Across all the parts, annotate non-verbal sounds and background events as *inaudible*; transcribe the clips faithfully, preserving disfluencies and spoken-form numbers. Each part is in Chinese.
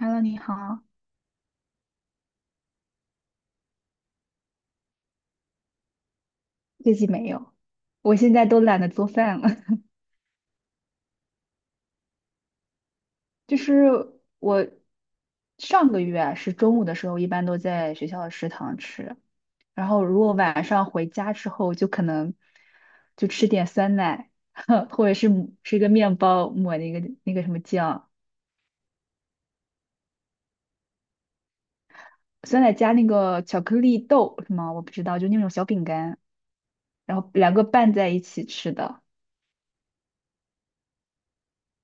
Hello，你好，最近没有，我现在都懒得做饭了。*laughs* 就是我上个月啊是中午的时候，一般都在学校的食堂吃，然后如果晚上回家之后，就可能就吃点酸奶，*laughs* 或者是抹吃个面包抹那个那个什么酱，酸奶加那个巧克力豆是吗？我不知道，就那种小饼干，然后两个拌在一起吃的。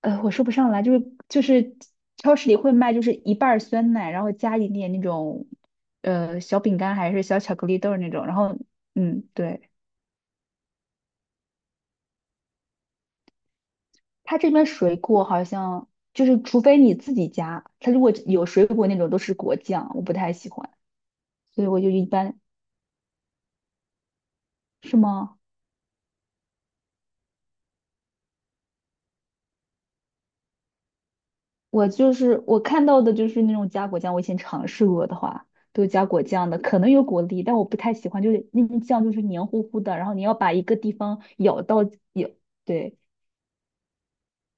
呃，我说不上来，就是就是超市里会卖，就是一半儿酸奶，然后加一点那种呃小饼干还是小巧克力豆儿那种，然后嗯，对，它这边水果好像就是除非你自己加，它如果有水果那种都是果酱，我不太喜欢，所以我就一般，是吗？我就是我看到的就是那种加果酱，我以前尝试过的话。都是加果酱的，可能有果粒，但我不太喜欢，就是那种酱就是黏糊糊的，然后你要把一个地方咬到咬，对，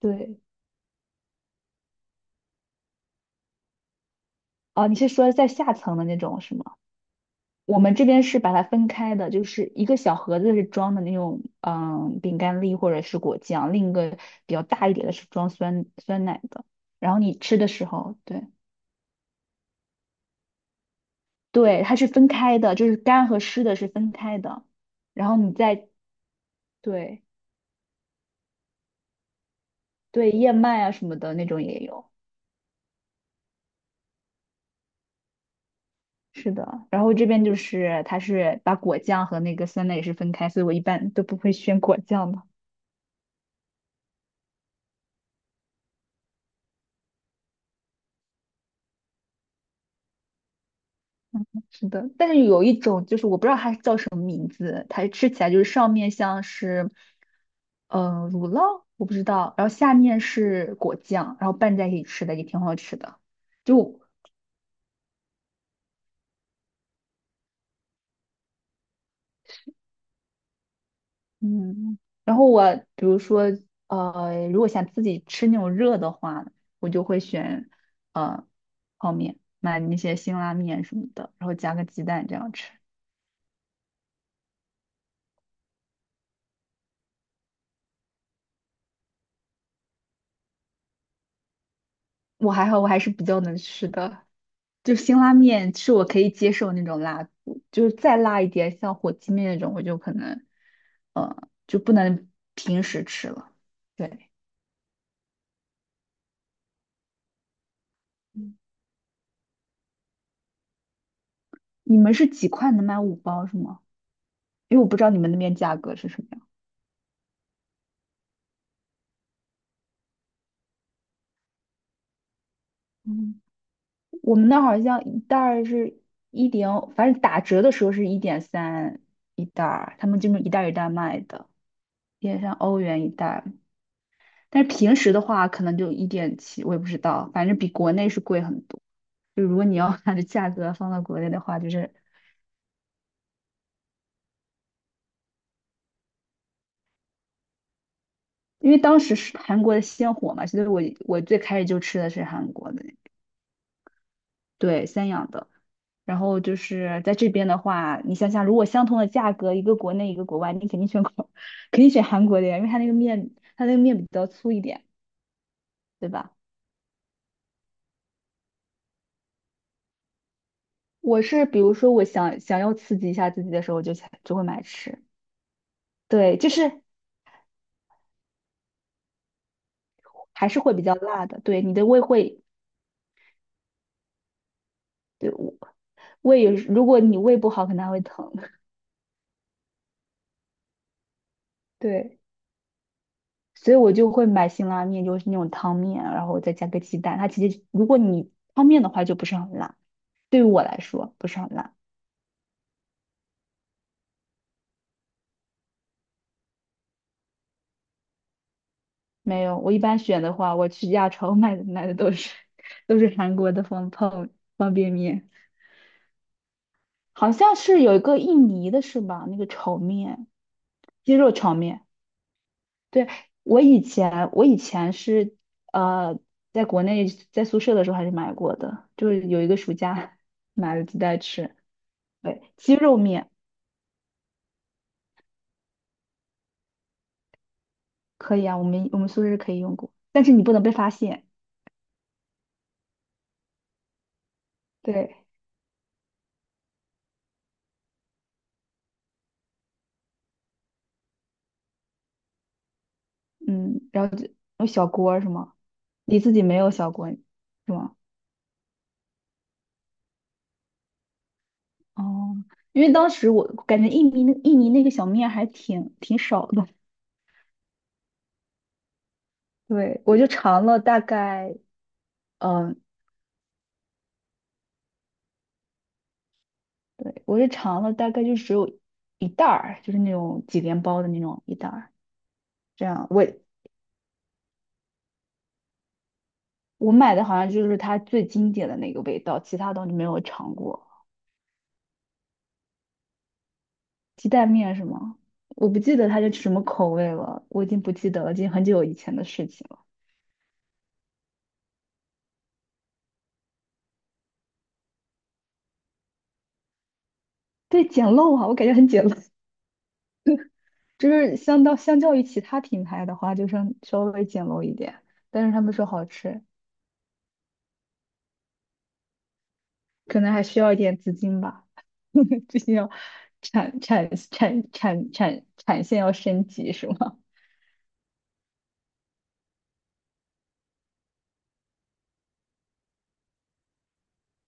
对，哦，你是说在下层的那种是吗？我们这边是把它分开的，就是一个小盒子是装的那种嗯饼干粒或者是果酱，另一个比较大一点的是装酸酸奶的。然后你吃的时候，对对，它是分开的，就是干和湿的是分开的。然后你再对对，燕麦啊什么的那种也有，是的。然后这边就是它是把果酱和那个酸奶也是分开，所以我一般都不会选果酱的。是的，但是有一种就是我不知道它叫什么名字，它吃起来就是上面像是，嗯、乳酪，我不知道，然后下面是果酱，然后拌在一起吃的也挺好吃的。就嗯，然后我比如说呃，如果想自己吃那种热的话，我就会选呃泡面，买那些辛拉面什么的，然后加个鸡蛋这样吃。我还好，我还是比较能吃的。就辛拉面是我可以接受那种辣度，就是再辣一点，像火鸡面那种，我就可能，呃，就不能平时吃了。对，嗯，你们是几块能买五包是吗？因为我不知道你们那边价格是什么样。嗯，我们那儿好像一袋儿是一点，反正打折的时候是一点三一袋儿，他们这么一袋儿一袋儿卖的，一点三欧元一袋儿。但是平时的话，可能就一点七，我也不知道，反正比国内是贵很多。就如果你要按着价格放到国内的话，就是因为当时是韩国的鲜火嘛，所以我我最开始就吃的是韩国的，对，三养的。然后就是在这边的话，你想想，如果相同的价格，一个国内一个国外，你肯定选国，*laughs* 肯定选韩国的呀，因为它那个面，它那个面比较粗一点，对吧？我是比如说我想想要刺激一下自己的时候，我就想就会买吃。对，就是还是会比较辣的。对，你的胃会，对，胃也是如果你胃不好，可能还会疼。*laughs* 对，所以我就会买辛拉面，就是那种汤面，然后再加个鸡蛋。它其实如果你汤面的话，就不是很辣，对于我来说不是很辣。没有，我一般选的话，我去亚超 *laughs* 买的买的都是 *laughs* 都是韩国的方泡方便面，好像是有一个印尼的是吧？那个炒面，鸡肉炒面。对，我以前，我以前是呃，在国内在宿舍的时候还是买过的，就是有一个暑假买了几袋吃。对，鸡肉面可以啊，我们我们宿舍可以用过，但是你不能被发现。对，嗯，然后就有小锅儿是吗？你自己没有小锅是吗？哦，因为当时我感觉印尼那印尼那个小面还挺挺少的，对，我就尝了大概。嗯，对，我是尝了，大概就只有一袋儿，就是那种几连包的那种一袋儿。这样，我我买的好像就是它最经典的那个味道，其他东西没有尝过。鸡蛋面是吗？我不记得它是什么口味了，我已经不记得了，已经很久以前的事情了。对，简陋啊，我感觉很简陋，*laughs* 就是相当相较于其他品牌的话，就稍稍微简陋一点，但是他们说好吃，可能还需要一点资金吧。*laughs* 最近要产产产产产产线要升级是吗？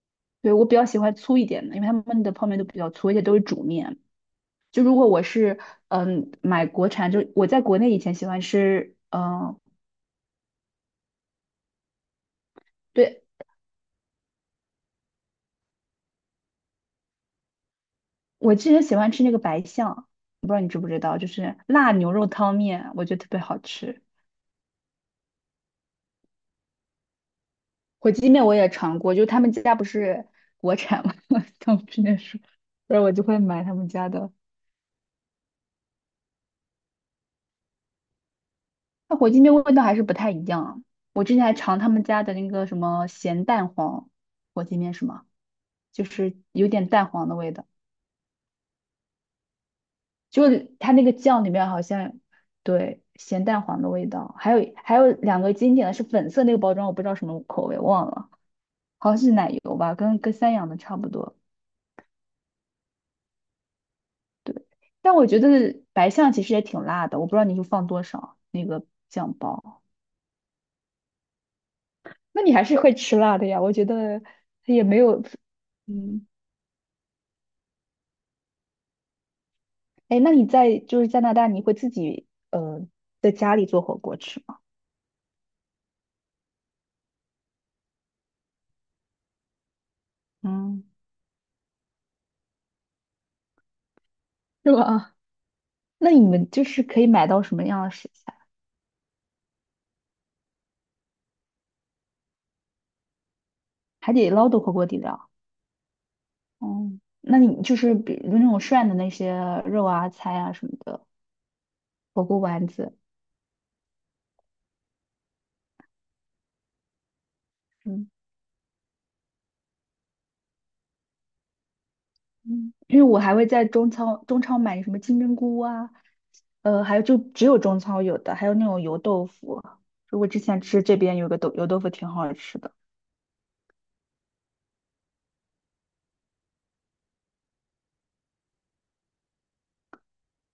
*laughs* 对，我比较喜欢粗一点的，因为他们的泡面都比较粗，而且都是煮面。就如果我是嗯买国产，就我在国内以前喜欢吃，嗯，对，我之前喜欢吃那个白象，我不知道你知不知道，就是辣牛肉汤面，我觉得特别好吃。火鸡面我也尝过，就他们家不是国产嘛，*laughs* 当时那说，候，然后我就会买他们家的。它火鸡面味道还是不太一样啊。我之前还尝他们家的那个什么咸蛋黄火鸡面，是吗？就是有点蛋黄的味道，就是它那个酱里面好像对咸蛋黄的味道，还有还有两个经典的是粉色那个包装，我不知道什么口味忘了，好像是奶油吧，跟跟三养的差不多。对，但我觉得白象其实也挺辣的，我不知道你就放多少那个酱包，那你还是会吃辣的呀？我觉得它也没有，嗯。哎，那你在就是加拿大，你会自己呃在家里做火锅吃吗？嗯，是吧？那你们就是可以买到什么样的食材？还得捞到火锅底料。哦，那你就是比如那种涮的那些肉啊、菜啊什么的，火锅丸子。嗯，嗯，因为我还会在中超中超买什么金针菇啊，呃，还有就只有中超有的，还有那种油豆腐啊。就我之前吃这边有个豆油豆腐挺好吃的。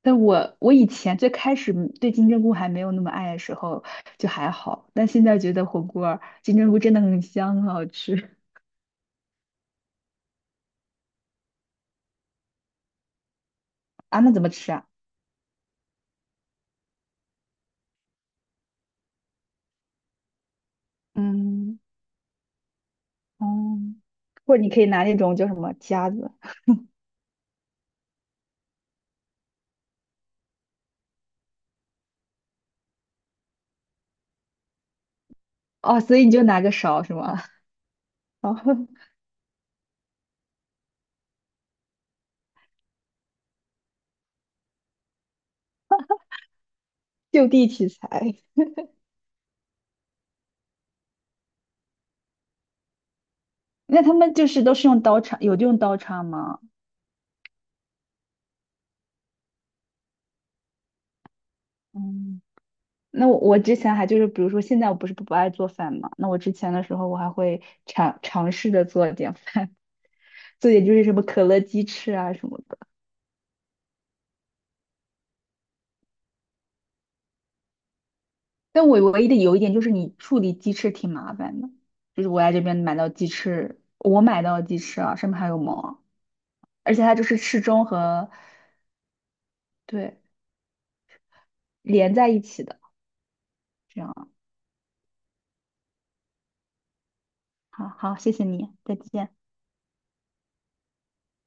但我我以前最开始嗯对金针菇还没有那么爱的时候，就还好，但现在觉得火锅儿金针菇真的很香，很好吃。 *laughs* 啊，那怎么吃啊？嗯，哦，或者你可以拿那种叫什么夹子。哦，所以你就拿个勺是吗？*laughs* 然后就地取材。那他们就是都是用刀叉，有用刀叉吗？嗯，那我我之前还就是，比如说现在我不是不爱做饭嘛，那我之前的时候我还会尝尝试着做一点饭。这也就是什么可乐鸡翅啊什么的。但我唯一的有一点就是你处理鸡翅挺麻烦的，就是我在这边买到鸡翅，我买到的鸡翅啊，上面还有毛啊，而且它就是翅中和对连在一起的，这样啊。好好，谢谢你，再见。